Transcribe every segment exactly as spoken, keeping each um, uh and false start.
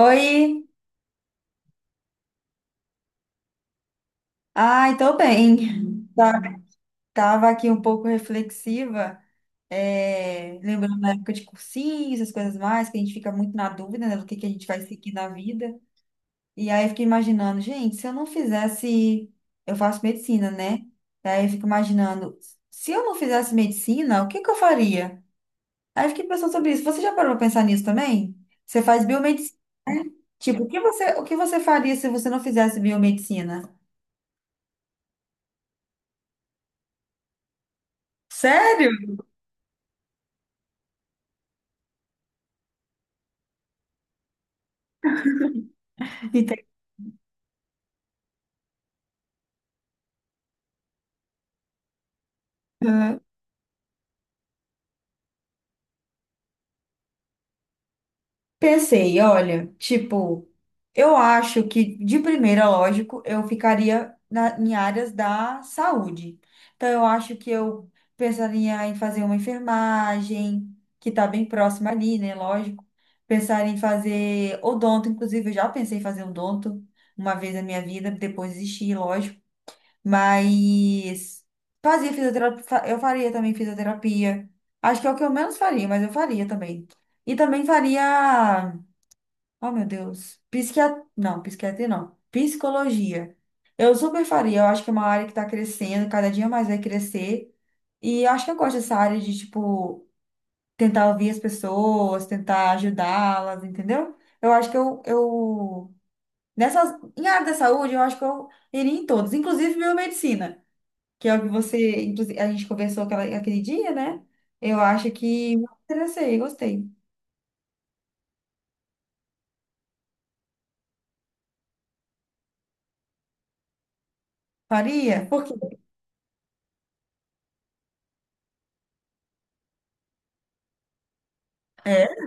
Oi, ai, tô bem. Tá- Tava aqui um pouco reflexiva, é, lembrando da época de cursinho, essas coisas mais, que a gente fica muito na dúvida, né, do que que a gente vai seguir na vida. E aí eu fiquei imaginando, gente, se eu não fizesse, eu faço medicina, né? E aí eu fico imaginando, se eu não fizesse medicina, o que que eu faria? Aí eu fiquei pensando sobre isso. Você já parou pra pensar nisso também? Você faz biomedicina, né? Tipo, o que você, o que você faria se você não fizesse biomedicina? Sério? Uhum. Pensei, olha, tipo, eu acho que de primeira, lógico, eu ficaria na, em áreas da saúde. Então, eu acho que eu pensaria em fazer uma enfermagem, que está bem próxima ali, né? Lógico. Pensaria em fazer odonto, inclusive, eu já pensei em fazer odonto uma vez na minha vida, depois desisti, lógico. Mas fazia fisioterapia, eu faria também fisioterapia. Acho que é o que eu menos faria, mas eu faria também. E também faria, oh meu Deus, psiquiatria, não, psiquiatria não, psicologia. Eu super faria, eu acho que é uma área que tá crescendo, cada dia mais vai crescer. E eu acho que eu gosto dessa área de, tipo, tentar ouvir as pessoas, tentar ajudá-las, entendeu? Eu acho que eu, eu nessas, em área da saúde, eu acho que eu iria em todas, inclusive biomedicina que é o que você, inclusive, a gente conversou aquela, aquele dia, né? Eu acho que me interessei, gostei. Faria? Por quê? É?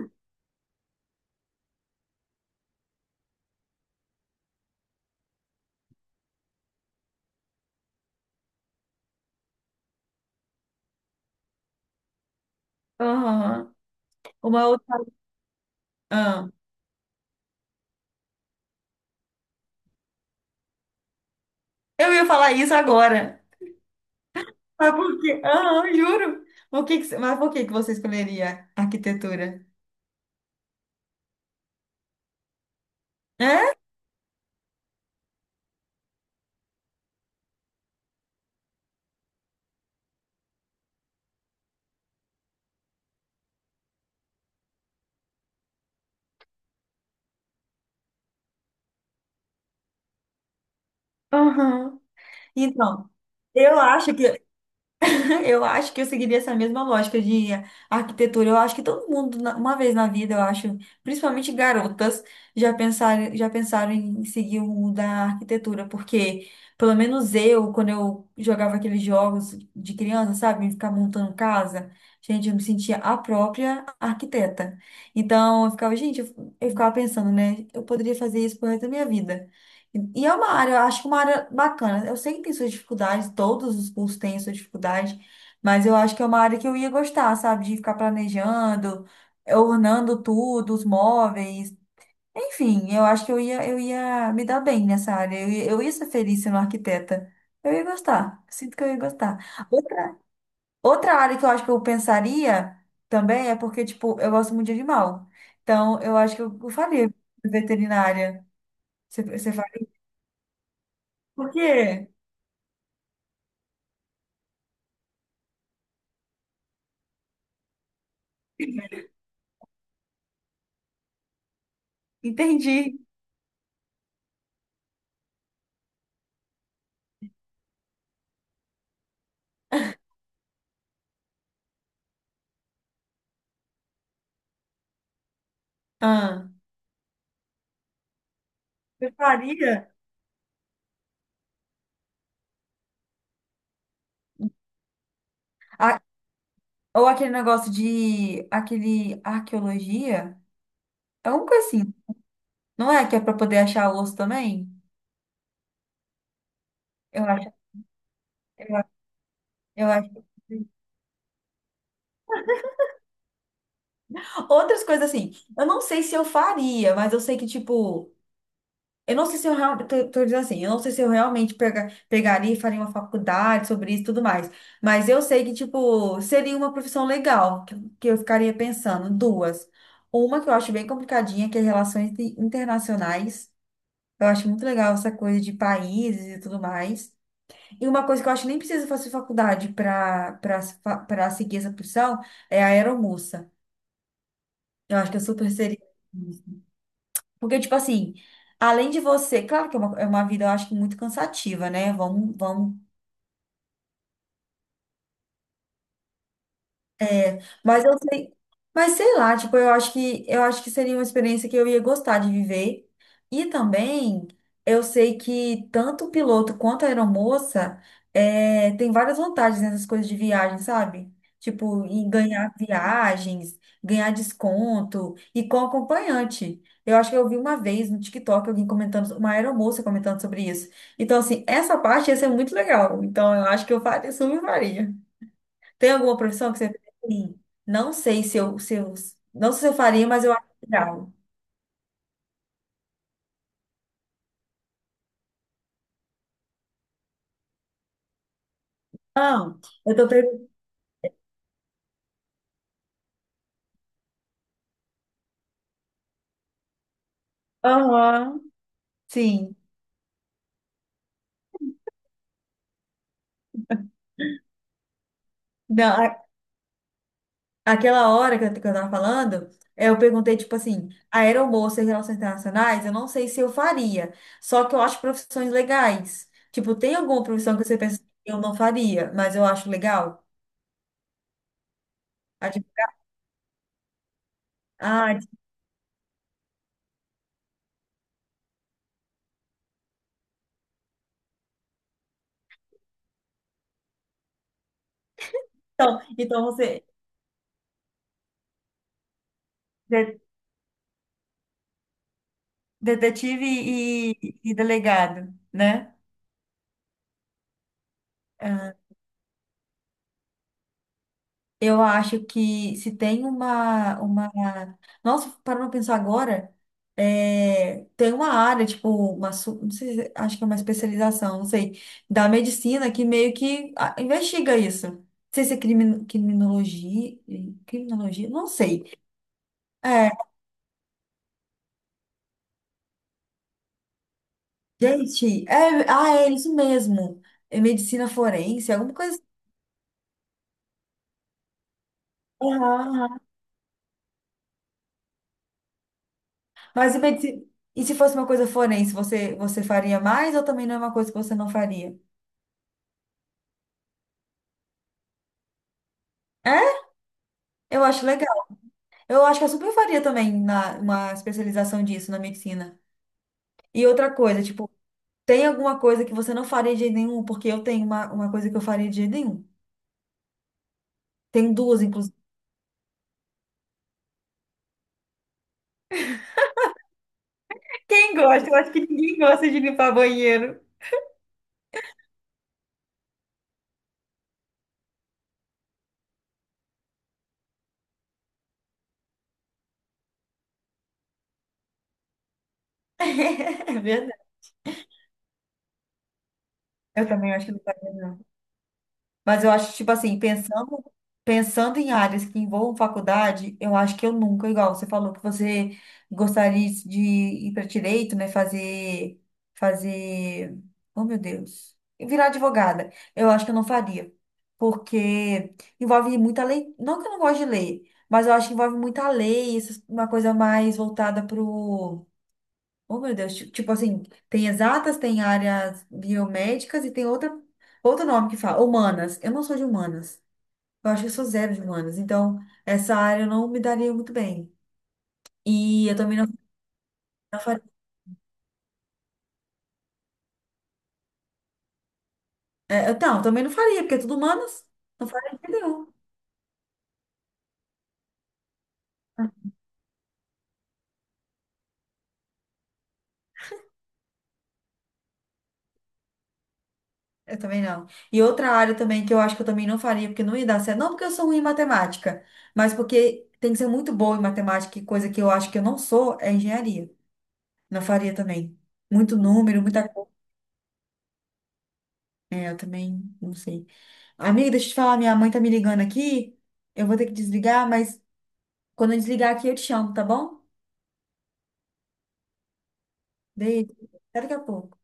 Aham. Uma outra. Ah. Eu ia falar isso agora. Mas por quê? Aham, juro. Por que que você- Mas por que que você escolheria arquitetura? É? Aham. Então, eu acho que eu acho que eu seguiria essa mesma lógica de arquitetura. Eu acho que todo mundo, na- uma vez na vida, eu acho, principalmente garotas, já pensaram, já pensaram em seguir o rumo da arquitetura, porque pelo menos eu, quando eu jogava aqueles jogos de criança, sabe, ficar montando casa, gente, eu me sentia a própria arquiteta. Então, eu ficava, gente, eu, eu ficava pensando, né, eu poderia fazer isso pro resto da minha vida. E é uma área, eu acho que uma área bacana. Eu sei que tem suas dificuldades, todos os cursos têm suas dificuldades, mas eu acho que é uma área que eu ia gostar, sabe? De ficar planejando, ornando tudo, os móveis. Enfim, eu acho que eu ia, eu ia me dar bem nessa área. Eu ia, eu ia ser feliz sendo arquiteta. Eu ia gostar. Sinto que eu ia gostar. Outra, outra área que eu acho que eu pensaria também é porque, tipo, eu gosto muito de animal. Então, eu acho que eu, eu faria veterinária. Você, você faria? Por quê? Entendi. Ah, eu faria. Ou aquele negócio de. Aquele. Arqueologia? É uma coisa assim. Não é que é para poder achar osso também? Eu acho. Eu acho. Eu acho. Outras coisas assim. Eu não sei se eu faria, mas eu sei que, tipo, eu não sei se eu realmente. Tô, tô dizendo assim. Eu não sei se eu realmente pega, pegaria e faria uma faculdade sobre isso e tudo mais. Mas eu sei que, tipo, seria uma profissão legal. Que, que eu ficaria pensando. Duas. Uma que eu acho bem complicadinha, que é relações internacionais. Eu acho muito legal essa coisa de países e tudo mais. E uma coisa que eu acho que nem precisa fazer faculdade para para seguir essa profissão é a aeromoça. Eu acho que eu super seria. Porque, tipo assim, além de você, claro que é uma, é uma vida, eu acho que muito cansativa, né? Vamos, vamos. É, mas eu sei, mas sei lá, tipo, eu acho que eu acho que seria uma experiência que eu ia gostar de viver. E também eu sei que tanto o piloto quanto a aeromoça é, tem várias vantagens nessas coisas de viagem, sabe? Tipo, em ganhar viagens, ganhar desconto e com acompanhante. Eu acho que eu vi uma vez no TikTok alguém comentando, uma aeromoça comentando sobre isso. Então, assim, essa parte ia ser muito legal. Então, eu acho que eu faria, super faria. Tem alguma profissão que você pensa assim? Não sei se eu, se eu, não sei se eu faria, mas eu acho legal. Não, eu tô perguntando. Aham, sim. Não, a- aquela hora que eu, que eu tava falando, eh, eu perguntei, tipo assim, aeromoça e relações internacionais, eu não sei se eu faria. Só que eu acho profissões legais. Tipo, tem alguma profissão que você pensa que eu não faria, mas eu acho legal? Ah, tipo, ah, então, então você, de- detetive e, e delegado, né? Ah. Eu acho que se tem uma, uma... Nossa, para não pensar agora, é, tem uma área, tipo, uma, su- não sei, se- acho que é uma especialização, não sei, da medicina que meio que ah, investiga isso. Não sei se é crimin- criminologia, criminologia, não sei. É, gente, é, ah, é isso mesmo. É medicina forense, alguma coisa assim. Aham, aham. Mas e, medici- e se fosse uma coisa forense, você, você faria mais, ou também não é uma coisa que você não faria? É? Eu acho legal. Eu acho que eu super faria também na, uma especialização disso na medicina. E outra coisa, tipo, tem alguma coisa que você não faria de jeito nenhum? Porque eu tenho uma, uma coisa que eu faria de jeito nenhum. Tem duas, inclusive. Quem gosta? Eu acho que ninguém gosta de limpar banheiro. É verdade. Eu também acho que não faria. Mas eu acho, tipo assim, pensando, pensando em áreas que envolvam faculdade, eu acho que eu nunca, igual você falou que você gostaria de ir para direito, né? Fazer, fazer, oh meu Deus, virar advogada. Eu acho que eu não faria, porque envolve muita lei. Não que eu não gosto de lei, mas eu acho que envolve muita lei, essas- uma coisa mais voltada para oh, meu Deus, ti- tipo assim, tem exatas, tem áreas biomédicas e tem outra, outro nome que fala, humanas. Eu não sou de humanas. Eu acho que eu sou zero de humanas. Então, essa área eu não me daria muito bem. E eu também não, não faria. É, eu, não, eu também não faria, porque é tudo humanas. Não faria de jeito nenhum. Ah, eu também não. E outra área também que eu acho que eu também não faria, porque não ia dar certo. Não porque eu sou ruim em matemática, mas porque tem que ser muito boa em matemática, e coisa que eu acho que eu não sou é engenharia. Não faria também. Muito número, muita... É, eu também não sei. Amiga, deixa eu te falar, minha mãe tá me ligando aqui. Eu vou ter que desligar, mas quando eu desligar aqui eu te chamo, tá bom? Beijo. Até daqui a pouco.